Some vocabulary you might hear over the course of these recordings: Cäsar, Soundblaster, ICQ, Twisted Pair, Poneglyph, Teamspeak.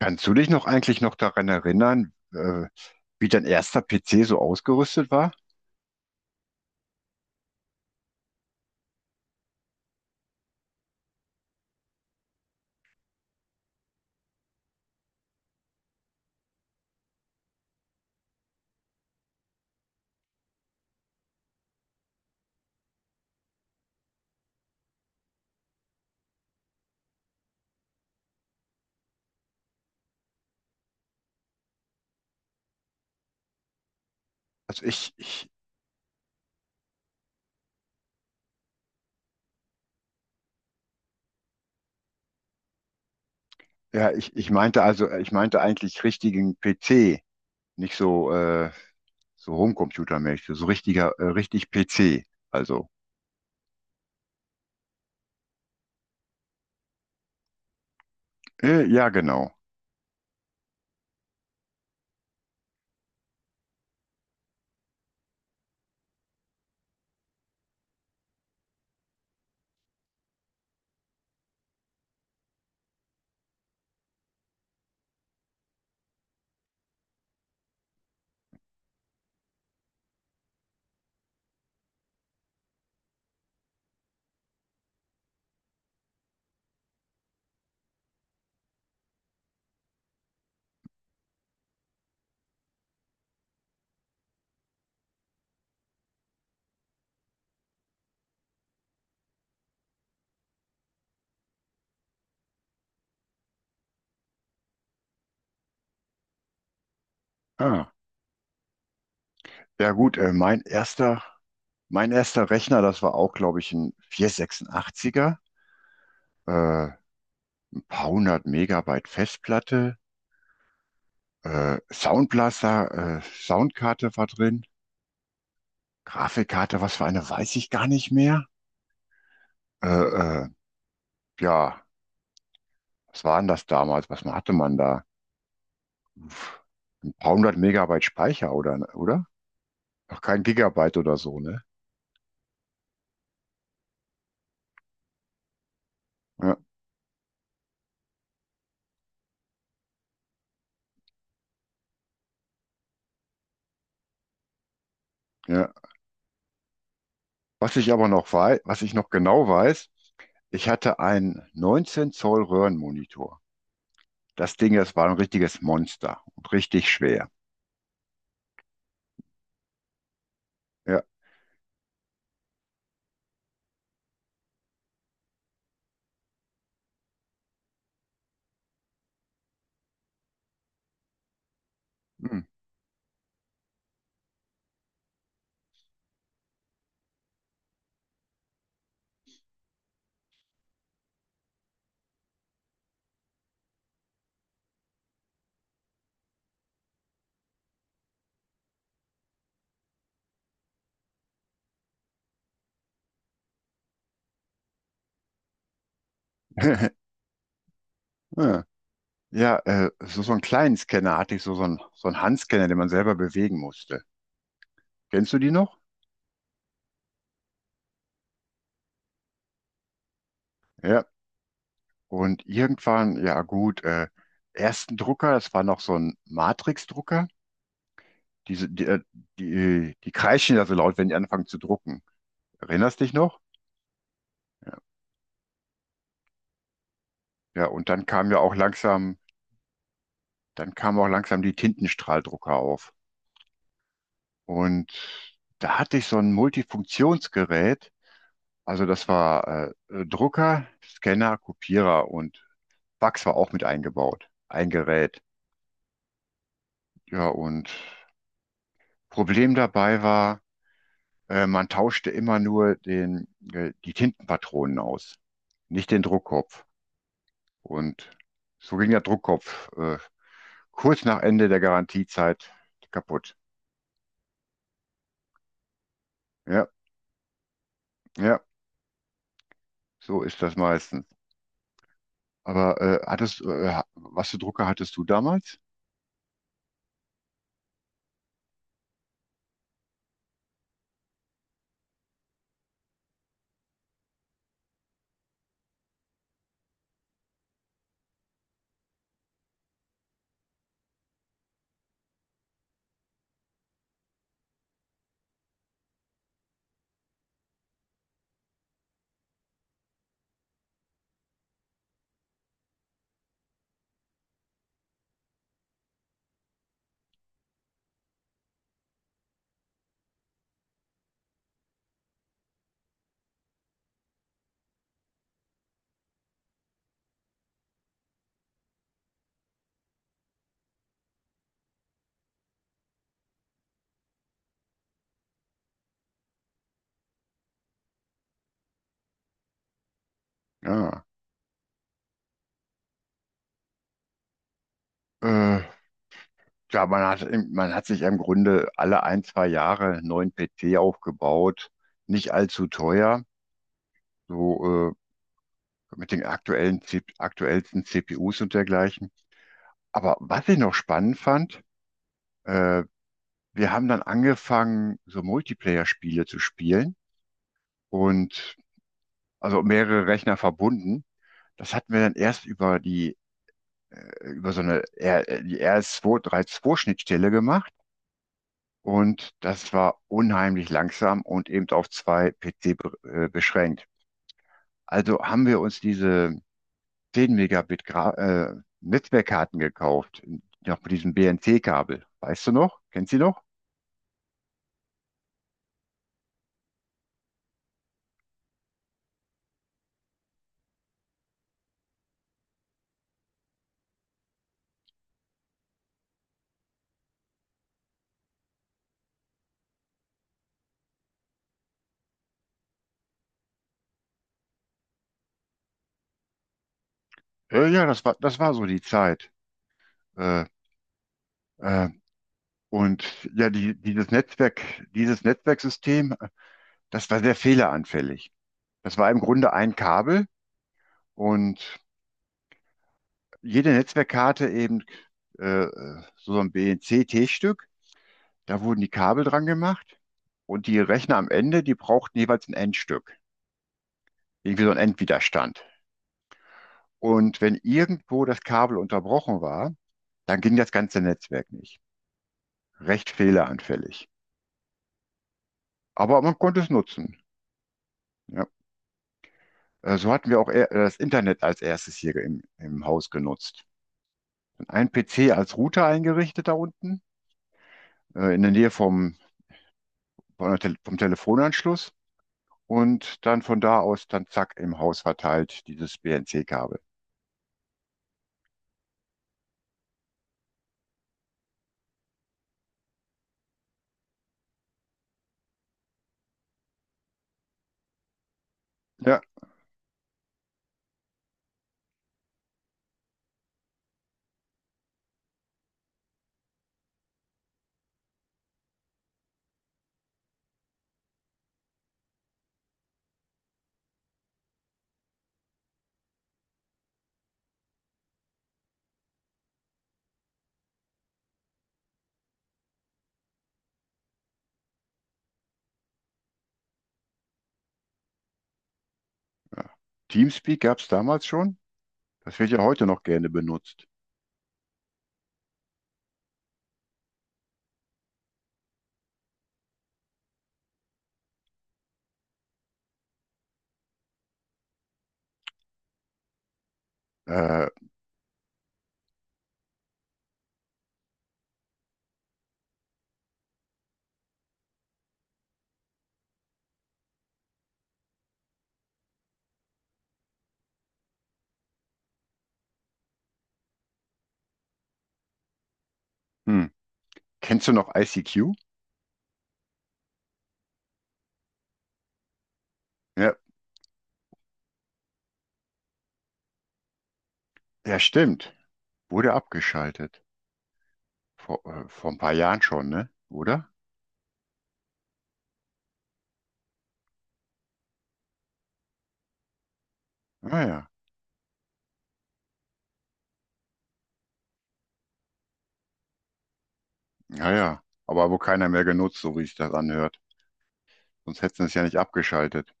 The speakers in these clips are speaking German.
Kannst du dich noch eigentlich noch daran erinnern, wie dein erster PC so ausgerüstet war? Also ja, ich meinte also, ich meinte eigentlich richtigen PC, nicht so, so Homecomputer-mäßig, so richtig PC. Also, ja, genau. Ah, ja gut, mein erster Rechner, das war auch, glaube ich, ein 486er, äh, ein paar hundert Megabyte Festplatte, Soundkarte war drin. Grafikkarte, was für eine, weiß ich gar nicht mehr. Äh, äh, ja, was war denn das damals? Was hatte man da? Uff, ein paar hundert Megabyte Speicher oder? Noch kein Gigabyte oder so, ne? Ja, ja. Was ich aber noch weiß, was ich noch genau weiß, ich hatte einen 19 Zoll Röhrenmonitor. Das Ding, das war ein richtiges Monster und richtig schwer. Ja. Hm. Ja, Ja, so einen kleinen Scanner hatte ich, so einen Handscanner, den man selber bewegen musste. Kennst du die noch? Ja. Und irgendwann, ja gut, ersten Drucker, das war noch so ein Matrix-Drucker. Diese, die, äh, die kreischen ja so laut, wenn die anfangen zu drucken. Erinnerst dich noch? Ja, und dann kam ja auch langsam, dann kamen auch langsam die Tintenstrahldrucker auf. Und da hatte ich so ein Multifunktionsgerät. Also das war Drucker, Scanner, Kopierer und Fax war auch mit eingebaut. Ein Gerät. Ja, und Problem dabei war, man tauschte immer nur die Tintenpatronen aus, nicht den Druckkopf. Und so ging der Druckkopf kurz nach Ende der Garantiezeit kaputt. Ja, ja, so ist das meistens. Aber was für Drucker hattest du damals? Ja, äh, ja, man hat sich im Grunde alle ein, zwei Jahre einen neuen PC aufgebaut, nicht allzu teuer, so mit den aktuellsten CPUs und dergleichen. Aber was ich noch spannend fand, äh, wir haben dann angefangen, so Multiplayer-Spiele zu spielen und also mehrere Rechner verbunden. Das hatten wir dann erst über die, über so eine R, die RS232-Schnittstelle gemacht und das war unheimlich langsam und eben auf zwei PC be beschränkt. Also haben wir uns diese 10 Megabit Gra Netzwerkkarten gekauft, noch mit diesem BNC-Kabel. Weißt du noch? Kennst du die noch? Ja, ja, das war so die Zeit. Äh, äh, und ja, dieses Netzwerksystem, das war sehr fehleranfällig. Das war im Grunde ein Kabel und jede Netzwerkkarte eben äh, so ein BNC-T-Stück. Da wurden die Kabel dran gemacht und die Rechner am Ende, die brauchten jeweils ein Endstück, irgendwie so ein Endwiderstand. Und wenn irgendwo das Kabel unterbrochen war, dann ging das ganze Netzwerk nicht. Recht fehleranfällig. Aber man konnte es nutzen. Ja. So hatten wir auch eher das Internet als erstes hier im Haus genutzt. Ein PC als Router eingerichtet da unten, in der Nähe vom Telefonanschluss und dann von da aus dann zack im Haus verteilt dieses BNC-Kabel. Ja, Teamspeak gab es damals schon. Das wird ja heute noch gerne benutzt. Äh, hm. Kennst du noch ICQ? Ja, ja, stimmt. Wurde abgeschaltet. Vor ein paar Jahren schon, ne? Oder? Naja, naja. Aber wo keiner mehr genutzt, so wie sich das anhört. Sonst hätten sie es ja nicht abgeschaltet.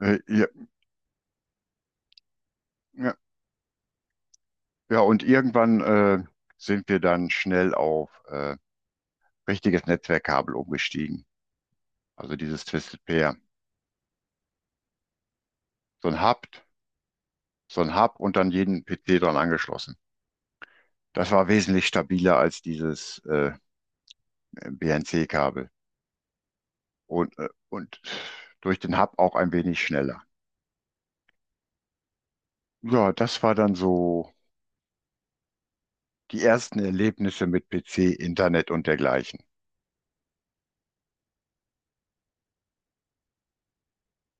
Ja, ja, ja, und irgendwann sind wir dann schnell auf richtiges Netzwerkkabel umgestiegen. Also dieses Twisted Pair. So ein Hub, so ein Hub und dann jeden PC dran angeschlossen. Das war wesentlich stabiler als dieses BNC-Kabel. Und durch den Hub auch ein wenig schneller. Ja, das war dann so die ersten Erlebnisse mit PC, Internet und dergleichen.